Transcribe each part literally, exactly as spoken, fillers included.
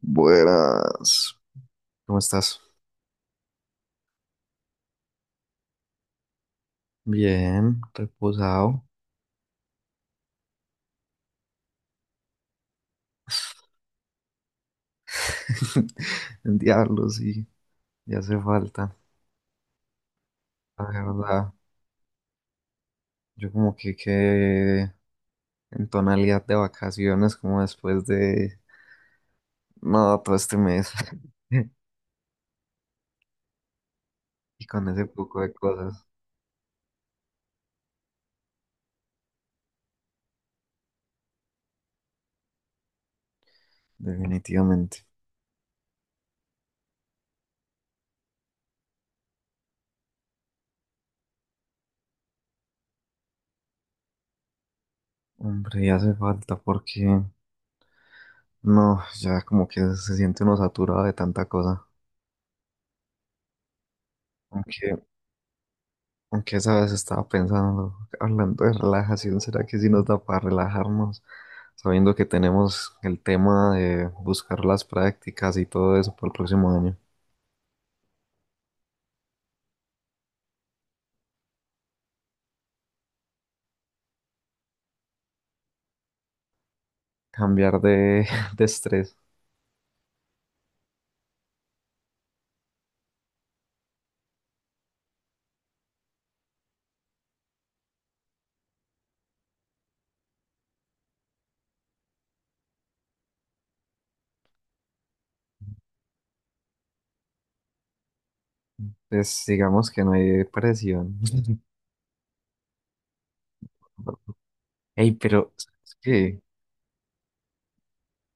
Buenas. ¿Cómo estás? Bien, reposado. El diablo, sí, ya hace falta. La verdad, yo como que quedé en tonalidad de vacaciones, como después de no, todo este mes. Y con ese poco de cosas, definitivamente. Hombre, ya hace falta porque no, ya como que se siente uno saturado de tanta cosa. Aunque Aunque esa vez estaba pensando, hablando de relajación, ¿será que sí nos da para relajarnos? Sabiendo que tenemos el tema de buscar las prácticas y todo eso para el próximo año. Cambiar de, de estrés. Pues digamos que no hay presión. Ey, pero es que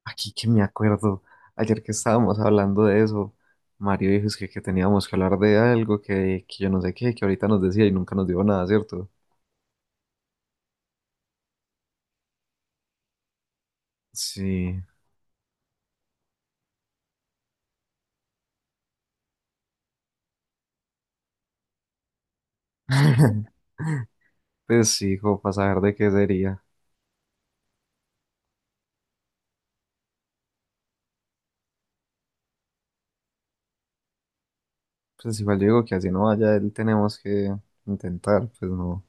aquí que me acuerdo, ayer que estábamos hablando de eso, Mario dijo es que, que teníamos que hablar de algo que, que yo no sé qué, que ahorita nos decía y nunca nos dijo nada, ¿cierto? Sí. Pues sí, como para saber de qué sería. Pues igual yo digo que así no vaya él, tenemos que intentar, pues no,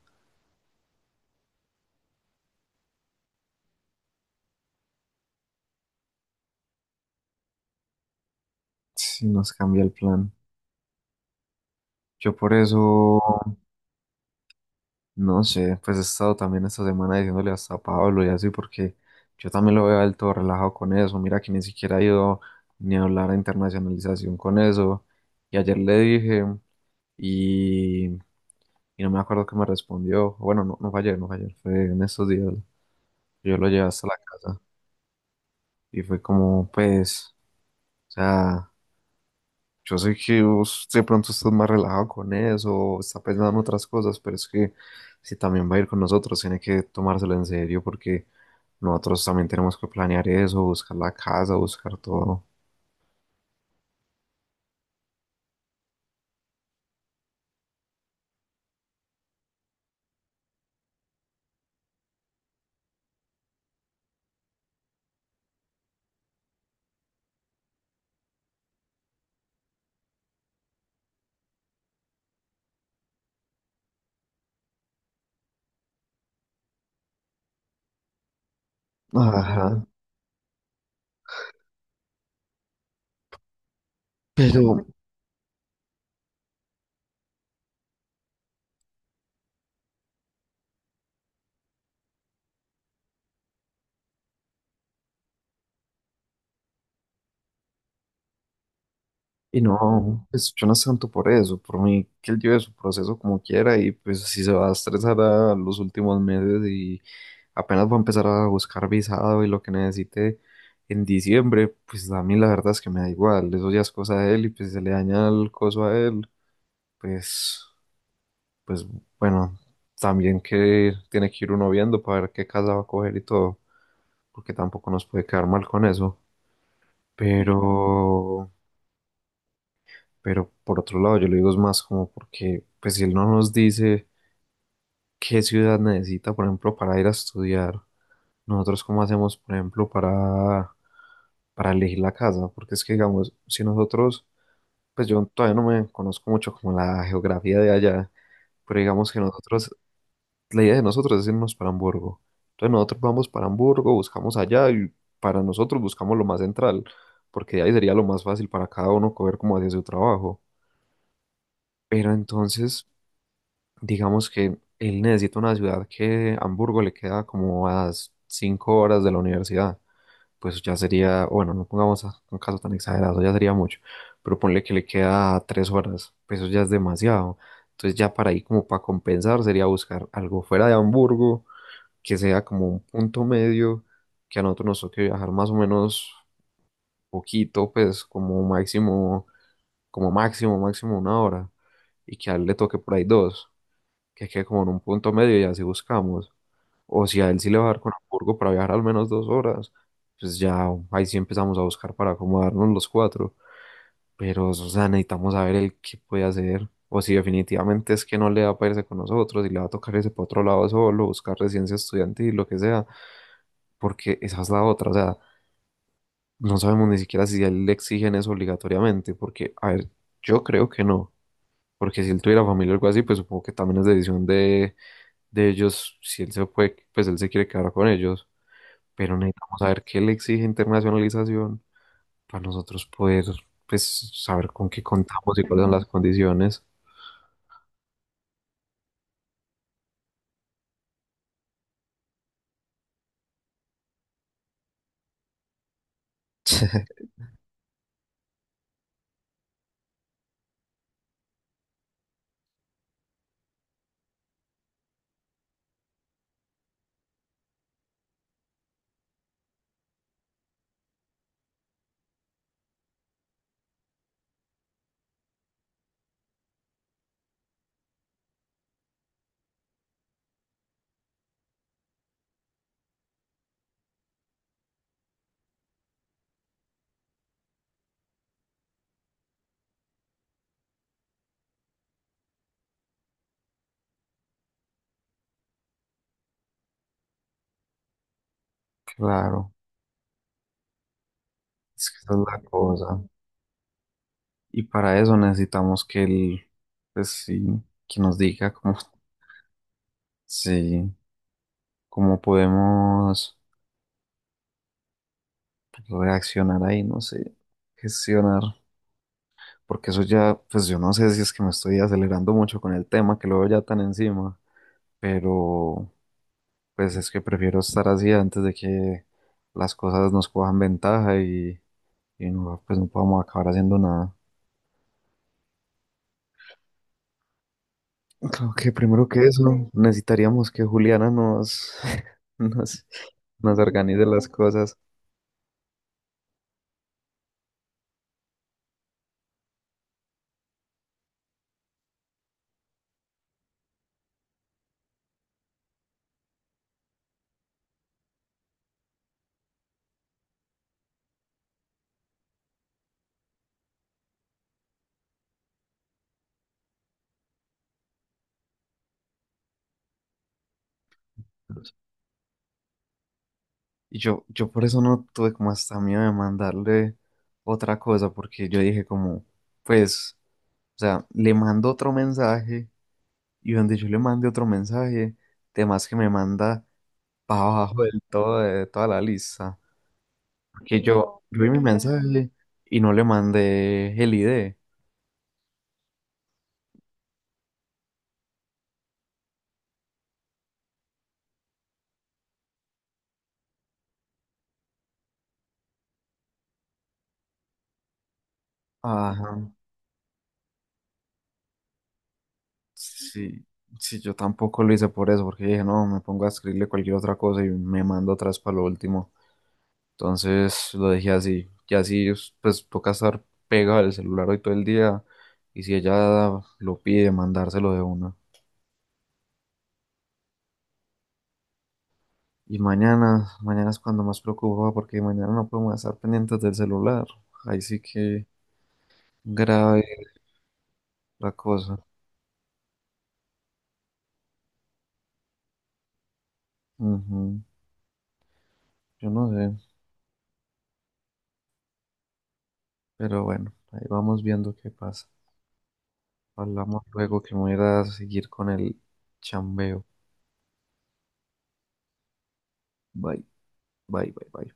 si nos cambia el plan. Yo por eso, no sé, pues he estado también esta semana diciéndole hasta a Pablo y así, porque yo también lo veo a él todo relajado con eso. Mira que ni siquiera ha ido ni a hablar a internacionalización con eso. Y ayer le dije, y, y no me acuerdo qué me respondió. Bueno, no, no fue ayer, no fue ayer, fue en estos días. Yo lo llevé hasta la casa y fue como, pues. O sea, yo sé que vos de pronto estás más relajado con eso, o está pensando en otras cosas, pero es que si también va a ir con nosotros, tiene que tomárselo en serio porque nosotros también tenemos que planear eso, buscar la casa, buscar todo. Ajá, pero, y no, pues yo no es tanto por eso, por mí que él lleve su proceso como quiera y pues si se va a estresar a los últimos meses y apenas voy a empezar a buscar visado y lo que necesite en diciembre, pues a mí la verdad es que me da igual, eso ya es cosa de él y pues si se le daña el coso a él, pues, pues bueno, también que tiene que ir uno viendo para ver qué casa va a coger y todo, porque tampoco nos puede quedar mal con eso, pero, pero por otro lado yo le digo es más como porque pues si él no nos dice qué ciudad necesita, por ejemplo, para ir a estudiar, nosotros cómo hacemos, por ejemplo, para para elegir la casa, porque es que, digamos, si nosotros, pues yo todavía no me conozco mucho como la geografía de allá, pero digamos que nosotros, la idea de nosotros es irnos para Hamburgo. Entonces nosotros vamos para Hamburgo, buscamos allá y para nosotros buscamos lo más central, porque de ahí sería lo más fácil para cada uno coger como hacia su trabajo. Pero entonces, digamos que él necesita una ciudad que Hamburgo le queda como a cinco horas de la universidad. Pues ya sería, bueno, no pongamos a- un caso tan exagerado, ya sería mucho, pero ponle que le queda tres horas, pues eso ya es demasiado. Entonces ya para ahí como para compensar sería buscar algo fuera de Hamburgo, que sea como un punto medio, que a nosotros nos toque viajar más o menos poquito, pues como máximo, como máximo, máximo una hora, y que a él le toque por ahí dos, que quede como en un punto medio y así buscamos. O si a él sí le va a dar con Hamburgo para viajar al menos dos horas, pues ya ahí sí empezamos a buscar para acomodarnos los cuatro. Pero, o sea, necesitamos saber el qué puede hacer. O si definitivamente es que no le va a irse con nosotros y le va a tocar irse para otro lado solo, buscar residencia estudiantil, lo que sea. Porque esa es la otra. O sea, no sabemos ni siquiera si a él le exigen eso obligatoriamente. Porque, a ver, yo creo que no. Porque si él tuviera familia o algo así, pues supongo que también es decisión de, de ellos, si él se puede, pues él se quiere quedar con ellos. Pero necesitamos saber qué le exige internacionalización para nosotros poder, pues, saber con qué contamos y cuáles son las condiciones. Claro, es que esa es la cosa. Y para eso necesitamos que él, pues sí, que nos diga cómo, sí, cómo podemos reaccionar ahí, no sé, gestionar. Porque eso ya, pues yo no sé si es que me estoy acelerando mucho con el tema, que lo veo ya tan encima, pero pues es que prefiero estar así antes de que las cosas nos cojan ventaja y, y no, pues no podamos acabar haciendo nada. Creo que primero que eso, necesitaríamos que Juliana nos, nos, nos organice las cosas. Y yo, yo por eso no tuve como hasta miedo de mandarle otra cosa, porque yo dije como, pues, o sea, le mando otro mensaje y donde yo le mande otro mensaje, temas que me manda para abajo del todo de toda la lista. que yo, yo vi mi mensaje y no le mandé el I D. Ajá. Sí, sí, yo tampoco lo hice por eso, porque dije, no, me pongo a escribirle cualquier otra cosa y me mando atrás para lo último. Entonces lo dejé así. Y así, es- pues, toca estar pegado al celular hoy todo el día. Y si ella lo pide, mandárselo de una. Y mañana, mañana es cuando más preocupa, porque mañana no podemos estar pendientes del celular. Ahí sí que grave la cosa. Ujú. Yo no sé. Pero bueno, ahí vamos viendo qué pasa. Hablamos luego que me voy a ir a seguir con el chambeo. Bye, bye, bye, bye.